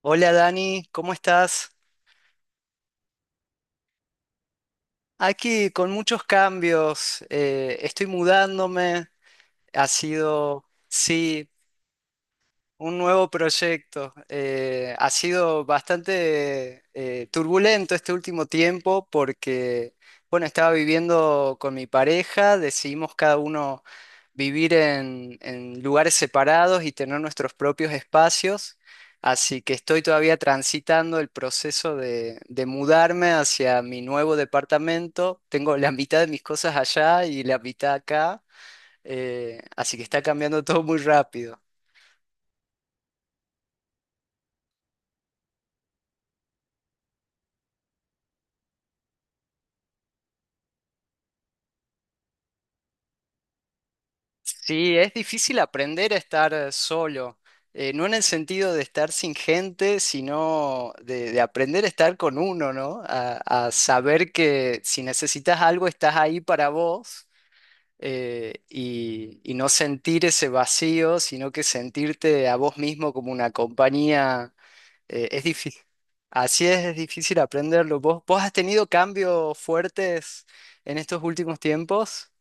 Hola Dani, ¿cómo estás? Aquí con muchos cambios, estoy mudándome, ha sido, sí, un nuevo proyecto. Ha sido bastante turbulento este último tiempo porque, bueno, estaba viviendo con mi pareja, decidimos cada uno vivir en lugares separados y tener nuestros propios espacios. Así que estoy todavía transitando el proceso de mudarme hacia mi nuevo departamento. Tengo la mitad de mis cosas allá y la mitad acá. Así que está cambiando todo muy rápido. Sí, es difícil aprender a estar solo, no en el sentido de estar sin gente, sino de aprender a estar con uno, ¿no? A saber que si necesitas algo estás ahí para vos, y no sentir ese vacío, sino que sentirte a vos mismo como una compañía, es difícil. Así es difícil aprenderlo. Vos has tenido cambios fuertes en estos últimos tiempos?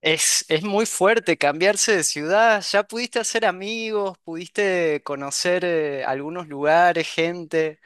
Es muy fuerte cambiarse de ciudad. Ya pudiste hacer amigos, pudiste conocer algunos lugares, gente,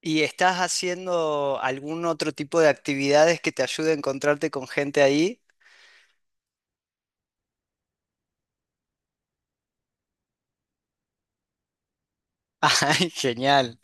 y estás haciendo algún otro tipo de actividades que te ayude a encontrarte con gente ahí. Ay, genial.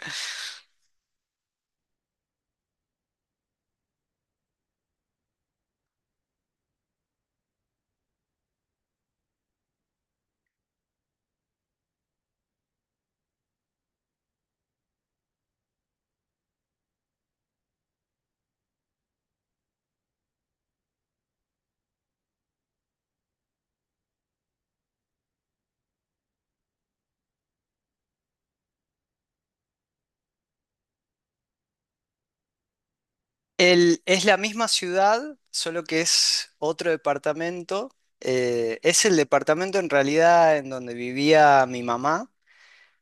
Es la misma ciudad, solo que es otro departamento. Es el departamento en realidad en donde vivía mi mamá.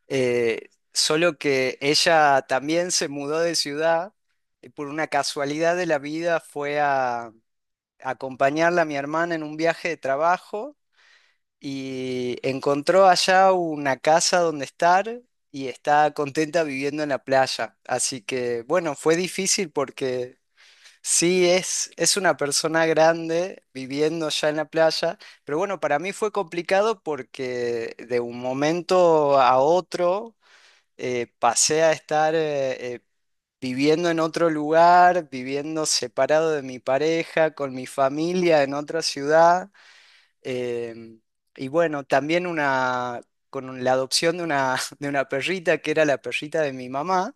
Solo que ella también se mudó de ciudad y por una casualidad de la vida fue a acompañarla a mi hermana en un viaje de trabajo y encontró allá una casa donde estar y está contenta viviendo en la playa. Así que bueno, fue difícil porque sí es una persona grande viviendo ya en la playa. Pero bueno, para mí fue complicado porque de un momento a otro pasé a estar viviendo en otro lugar, viviendo separado de mi pareja, con mi familia en otra ciudad. em, y bueno, también una, con la adopción de una, de una perrita que era la perrita de mi mamá,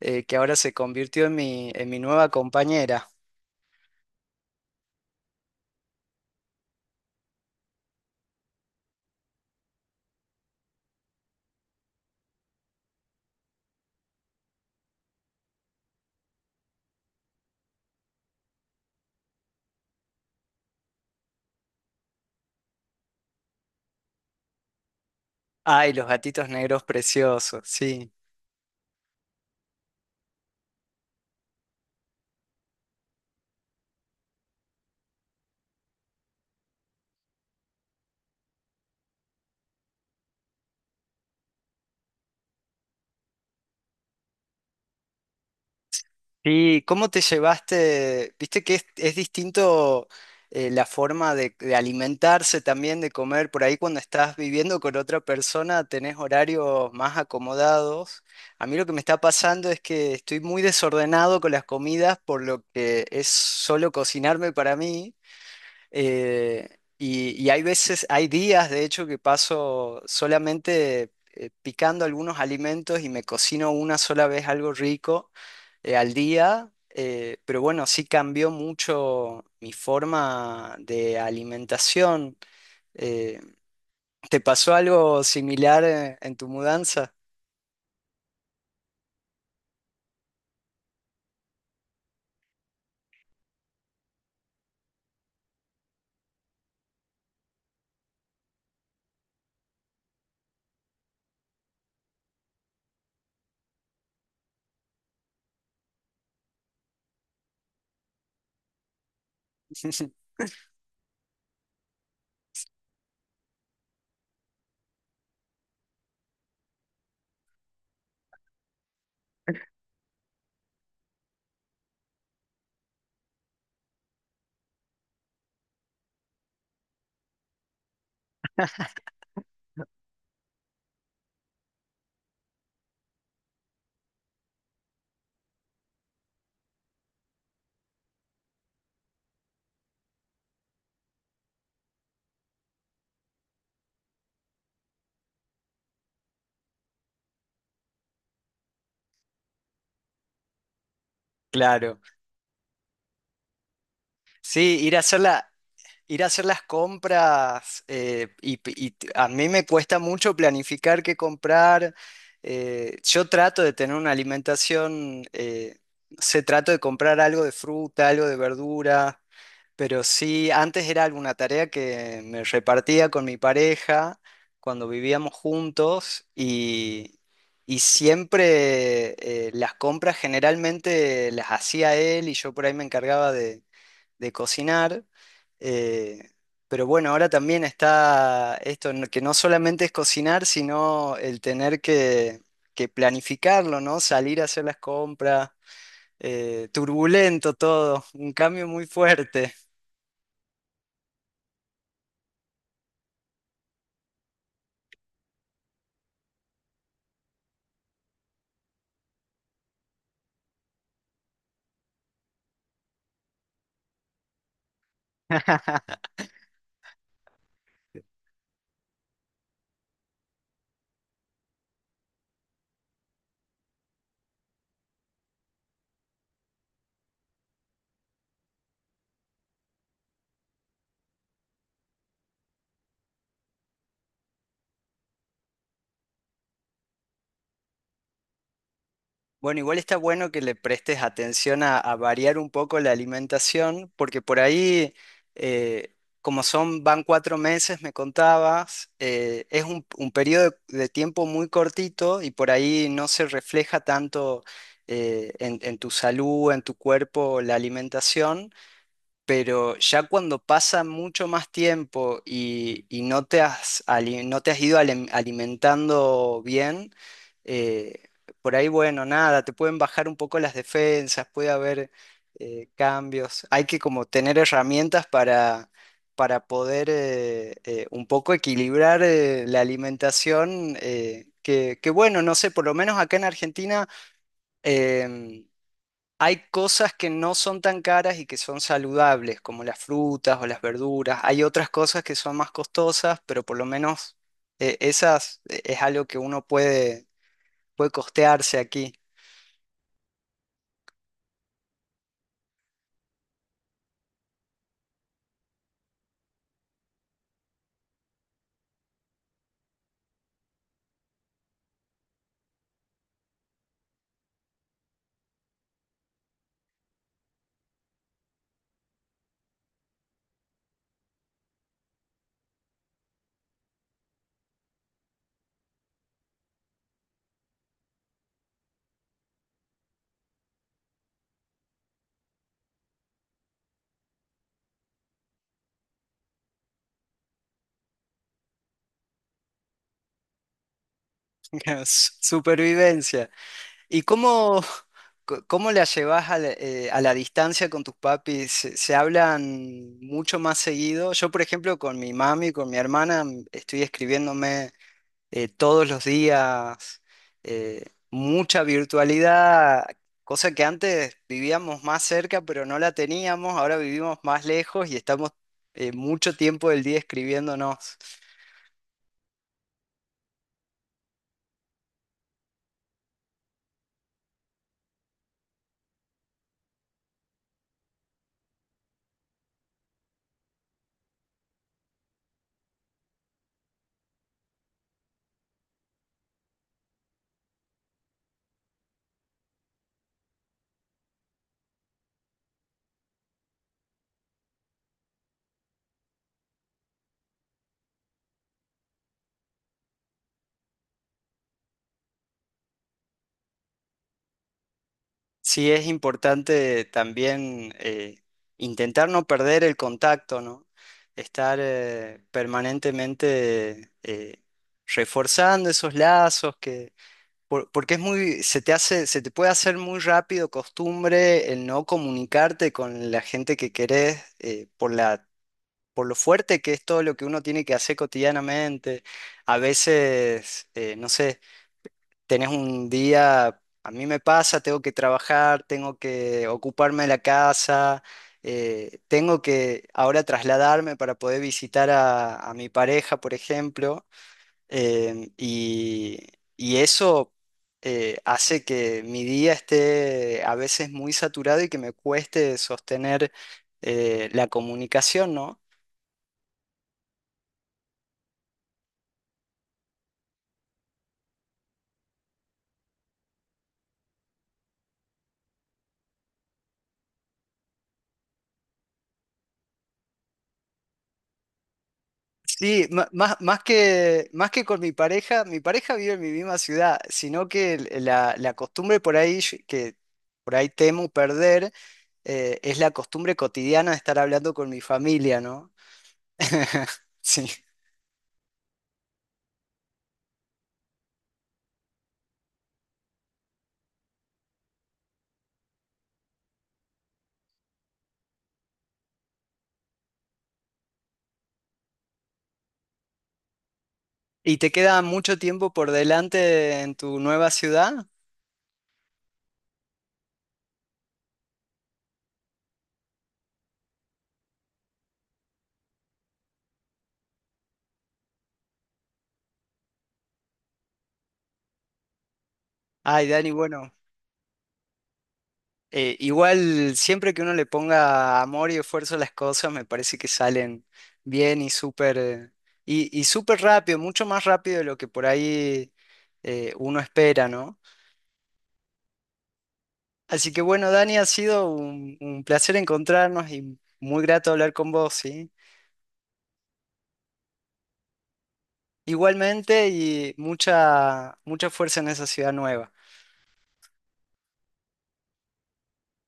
que ahora se convirtió en en mi nueva compañera. Ay, los gatitos negros preciosos, sí. Sí, ¿cómo te llevaste? Viste que es distinto la forma de alimentarse también, de comer. Por ahí cuando estás viviendo con otra persona tenés horarios más acomodados. A mí lo que me está pasando es que estoy muy desordenado con las comidas, por lo que es solo cocinarme para mí. Eh, y hay veces, hay días de hecho que paso solamente picando algunos alimentos y me cocino una sola vez algo rico al día. Pero bueno, sí cambió mucho mi forma de alimentación. Eh, ¿Te pasó algo similar en tu mudanza? Claro, sí, ir a hacerla. Ir a hacer las compras a mí me cuesta mucho planificar qué comprar. Yo trato de tener una alimentación, no sé, trato de comprar algo de fruta, algo de verdura, pero sí, antes era alguna tarea que me repartía con mi pareja cuando vivíamos juntos y siempre las compras generalmente las hacía él y yo por ahí me encargaba de cocinar. eh, pero bueno, ahora también está esto, que no solamente es cocinar, sino el tener que planificarlo, ¿no? Salir a hacer las compras, turbulento todo, un cambio muy fuerte. Bueno, igual está bueno que le prestes atención a variar un poco la alimentación, porque por ahí, eh, como son, van 4 meses, me contabas, es un periodo de tiempo muy cortito y por ahí no se refleja tanto en tu salud, en tu cuerpo, la alimentación, pero ya cuando pasa mucho más tiempo y no te has, no te has ido alimentando bien, eh, por ahí, bueno, nada, te pueden bajar un poco las defensas, puede haber cambios. Hay que como tener herramientas para poder un poco equilibrar la alimentación, que bueno, no sé, por lo menos acá en Argentina... em, Hay cosas que no son tan caras y que son saludables, como las frutas o las verduras. Hay otras cosas que son más costosas, pero por lo menos esas es algo que uno puede, puede costearse aquí. Supervivencia. ¿Y cómo la llevas a la a la distancia con tus papis? Se hablan mucho más seguido? Yo, por ejemplo, con mi mami, con mi hermana, estoy escribiéndome. Todos los días, mucha virtualidad, cosa que antes vivíamos más cerca, pero no la teníamos, ahora vivimos más lejos y estamos mucho tiempo del día escribiéndonos. Sí es importante también intentar no perder el contacto, ¿no? Estar permanentemente reforzando esos lazos que porque es muy, se te hace, se te puede hacer muy rápido costumbre el no comunicarte con la gente que querés, por lo fuerte que es todo lo que uno tiene que hacer cotidianamente. A veces, no sé, tenés un día, a mí me pasa, tengo que trabajar, tengo que ocuparme de la casa, tengo que ahora trasladarme para poder visitar a mi pareja, por ejemplo. Em, y, y eso hace que mi día esté a veces muy saturado y que me cueste sostener la comunicación, ¿no? Sí, más, más que con mi pareja vive en mi misma ciudad, sino que la costumbre por ahí que por ahí temo perder, es la costumbre cotidiana de estar hablando con mi familia, ¿no? Sí. ¿Y te queda mucho tiempo por delante en tu nueva ciudad? Ay, Dani, bueno, igual siempre que uno le ponga amor y esfuerzo a las cosas, me parece que salen bien y súper y súper rápido, mucho más rápido de lo que por ahí uno espera, ¿no? Así que bueno, Dani, ha sido un placer encontrarnos y muy grato hablar con vos, ¿sí? Igualmente y mucha mucha fuerza en esa ciudad nueva.